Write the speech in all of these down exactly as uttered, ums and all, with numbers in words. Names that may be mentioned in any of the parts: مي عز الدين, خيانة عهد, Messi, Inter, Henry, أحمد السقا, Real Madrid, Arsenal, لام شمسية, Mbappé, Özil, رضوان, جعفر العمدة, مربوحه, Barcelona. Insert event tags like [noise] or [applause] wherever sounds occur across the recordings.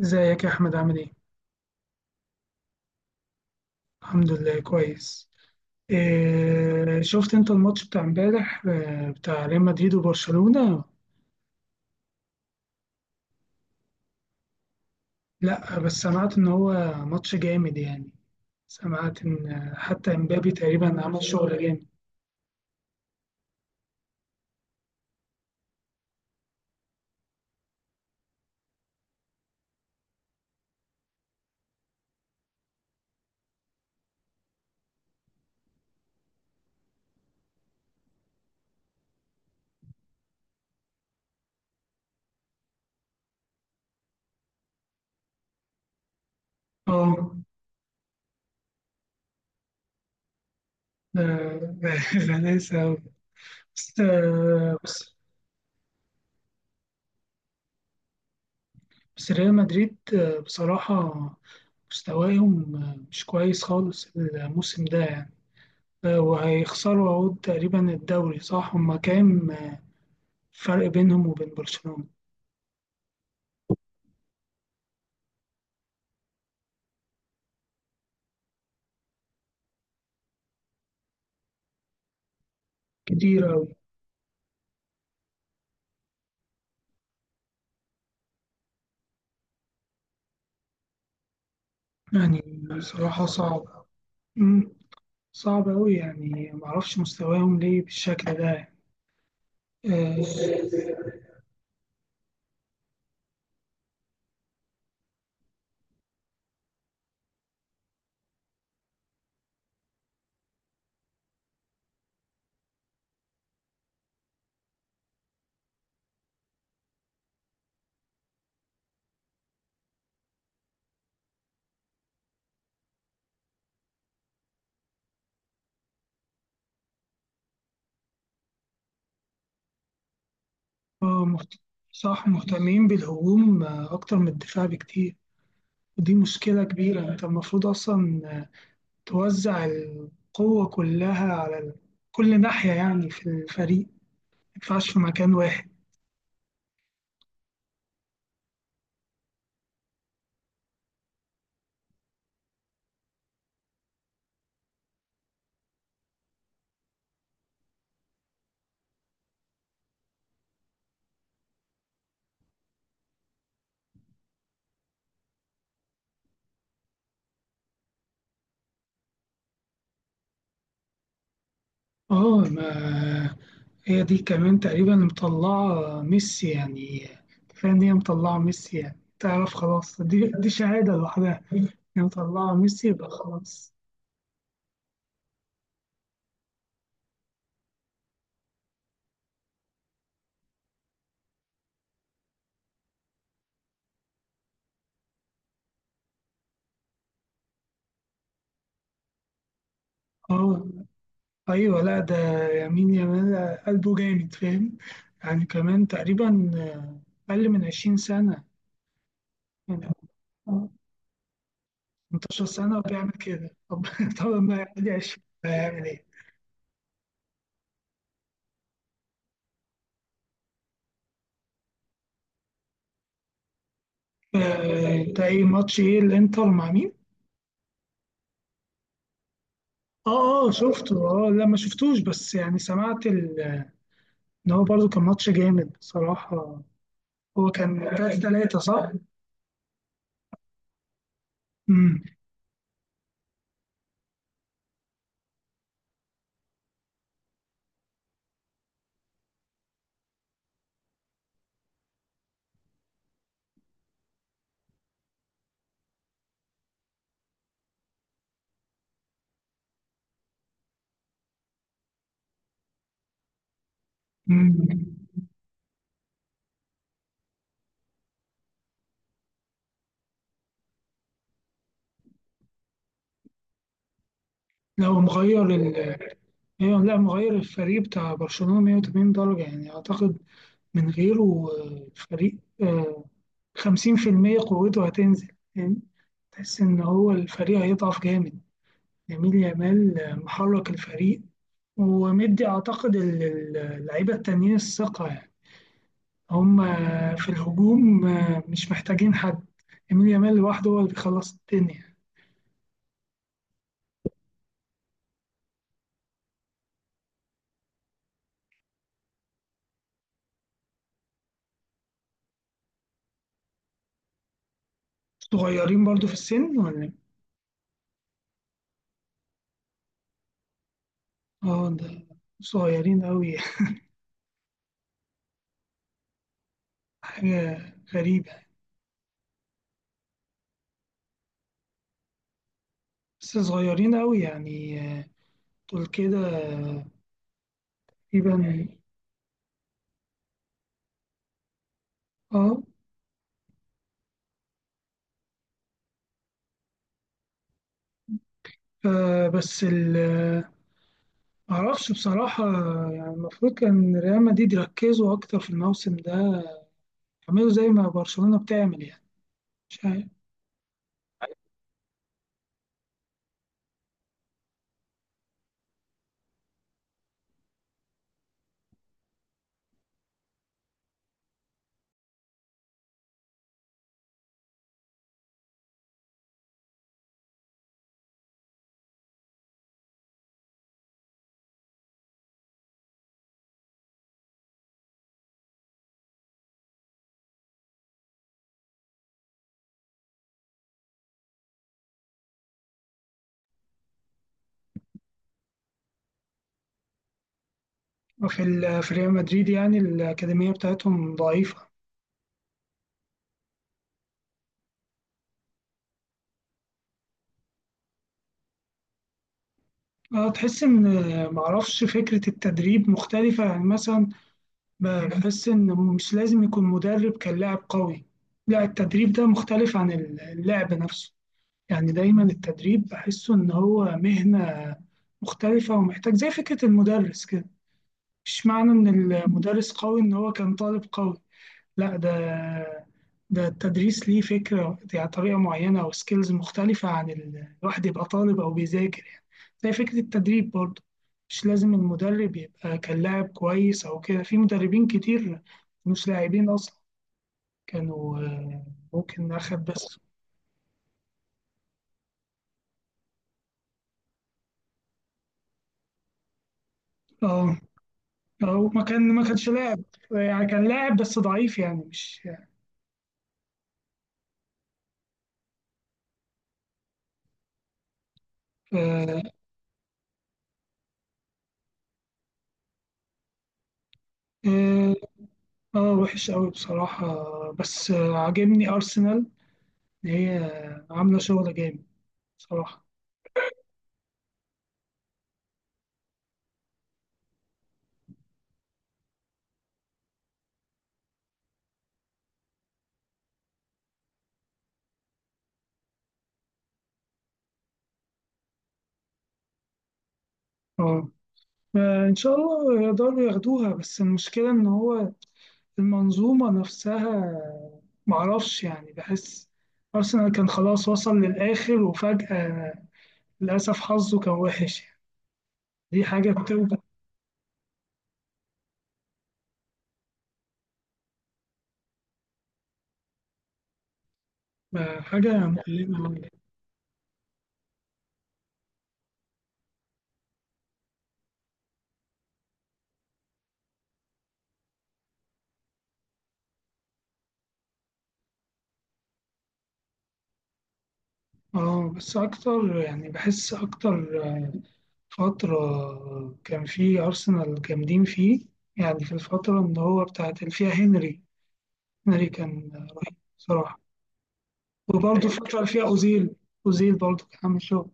ازيك يا احمد عامل ايه. الحمد لله كويس. إيه شفت انت الماتش بتاع امبارح آه، بتاع ريال مدريد وبرشلونة؟ لا بس سمعت ان هو ماتش جامد يعني. سمعت ان آه، حتى امبابي تقريبا عمل شغل جامد. اه ده [laughs] غلاسة أوي. بس آه، بس بس ريال مدريد آه، بصراحة مستواهم آه، مش كويس خالص الموسم ده يعني. آه، وهيخسروا اهو تقريبا الدوري صح؟ هما كام فرق بينهم وبين برشلونة؟ كتير أوي يعني. بصراحة صعب. مم. صعب أوي يعني معرفش مستواهم ليه بالشكل ده يعني. آه. آه، مهت... صح، مهتمين بالهجوم آه، أكتر من الدفاع بكتير. ودي مشكلة كبيرة. أنت المفروض أصلا آه، توزع القوة كلها على ال- كل ناحية يعني في الفريق، ما ينفعش في مكان واحد. اه ما هي دي كمان تقريبا مطلعة ميسي يعني. كفاية إن هي مطلعة ميسي يعني، تعرف خلاص، دي دي شهادة لوحدها. هي مطلعة ميسي يبقى خلاص. اه أيوة لأ ده يمين يامال قلبه جامد، فاهم؟ يعني كمان تقريبا أقل من عشرين سنة يعني. تمنتاشر سنة وبيعمل كده، طب [laughs] طب ما يعدي عشرين هيعمل إيه؟ آه، أنت إيه؟ ماتش إيه الإنتر مع مين؟ اه اه شفته، اه لا ما شفتوش، بس يعني سمعت إن هو برضه كان ماتش جامد بصراحة. هو كان تلاتة [laughs] تلاتة صح؟ امم. امم. لو مغير ال [laughs] إيه، لا مغير الفريق بتاع برشلونة مية وتمانين درجة يعني أعتقد، من غيره. آه، الفريق آه، خمسين في المية قوته هتنزل يعني. تحس إن هو الفريق هيضعف جامد. يميل يامال آه، محرك الفريق، ومدي أعتقد ال- ال- اللعيبة التانيين الثقة. هم في الهجوم مش محتاجين حد. يمين يامال لوحده هو اللي بيخلص الدنيا. صغيرين برضو في السن ولا إيه؟ اه ده صغيرين قوي. [laughs] حاجة غريبة. بس صغيرين قوي يعني. دول كده تقريبا. اه آه، بس ال معرفش بصراحة يعني. المفروض كان ريال مدريد يركزوا أكتر في الموسم ده، يعملوا زي ما برشلونة بتعمل يعني. مش عارف. وفي ال- في ريال مدريد يعني الأكاديمية بتاعتهم ضعيفة. اه، تحس ان آه، معرفش، فكرة التدريب مختلفة يعني. مثلا ب- بحس ان مش لازم يكون مدرب كان لاعب قوي. لا، التدريب ده مختلف عن اللعب نفسه يعني. دايما التدريب بحسه ان هو مهنة مختلفة، ومحتاج زي فكرة المدرس كده. مش معنى ان المدرس قوي ان هو كان طالب قوي. لا، ده ده التدريس ليه فكرة يعني، طريقة معينة أو سكيلز مختلفة عن ال- الواحد يبقى طالب أو بيذاكر يعني. زي فكرة التدريب برضه، مش لازم المدرب يبقى كان لاعب كويس أو كده. في مدربين كتير مش لاعبين أصلا، كانوا آه، ممكن أخد بس. اه، أو ما كان ما كانش لاعب يعني. كان لاعب بس ضعيف يعني، مش اه. آه، آه، وحش قوي بصراحة. بس آه، عاجبني أرسنال، إن هي عاملة شغل جامد صراحة. اه، آه، إن شاء الله يقدروا ياخدوها، بس المشكلة إن هو المنظومة نفسها، معرفش يعني. بحس أرسنال كان خلاص وصل للآخر وفجأة، للأسف حظه كان وحش يعني. دي حاجة بتوجع. آه، حاجة مؤلمة. اه بس أكتر، يعني بحس أكتر فترة كان فيه أرسنال جامدين فيه، يعني في الفترة اللي هو بتاعت اللي فيها هنري. هنري كان رهيب بصراحة. وبرضه الفترة اللي فيها أوزيل، أوزيل برضه كان عامل شغل.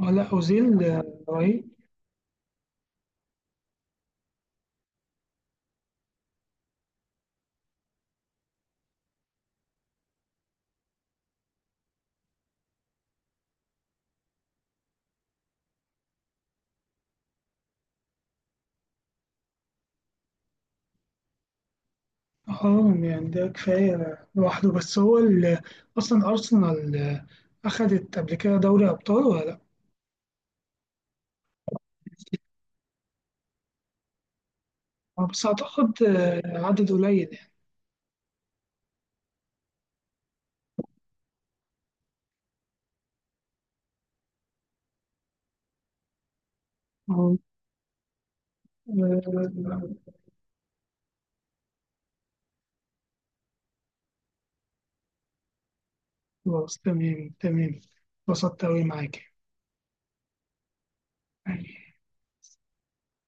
آه، لا أوزيل آه، رهيب. اه يعني ده كفاية لوحده. بس هو ال- أصلا أرسنال آه، أخدت قبل كده دوري أبطال ولا لأ؟ آه، بس أعتقد آه، عدد قليل يعني. آه، آه، آه، خلاص تمام تمام. اتبسطت أوي معاك يعني.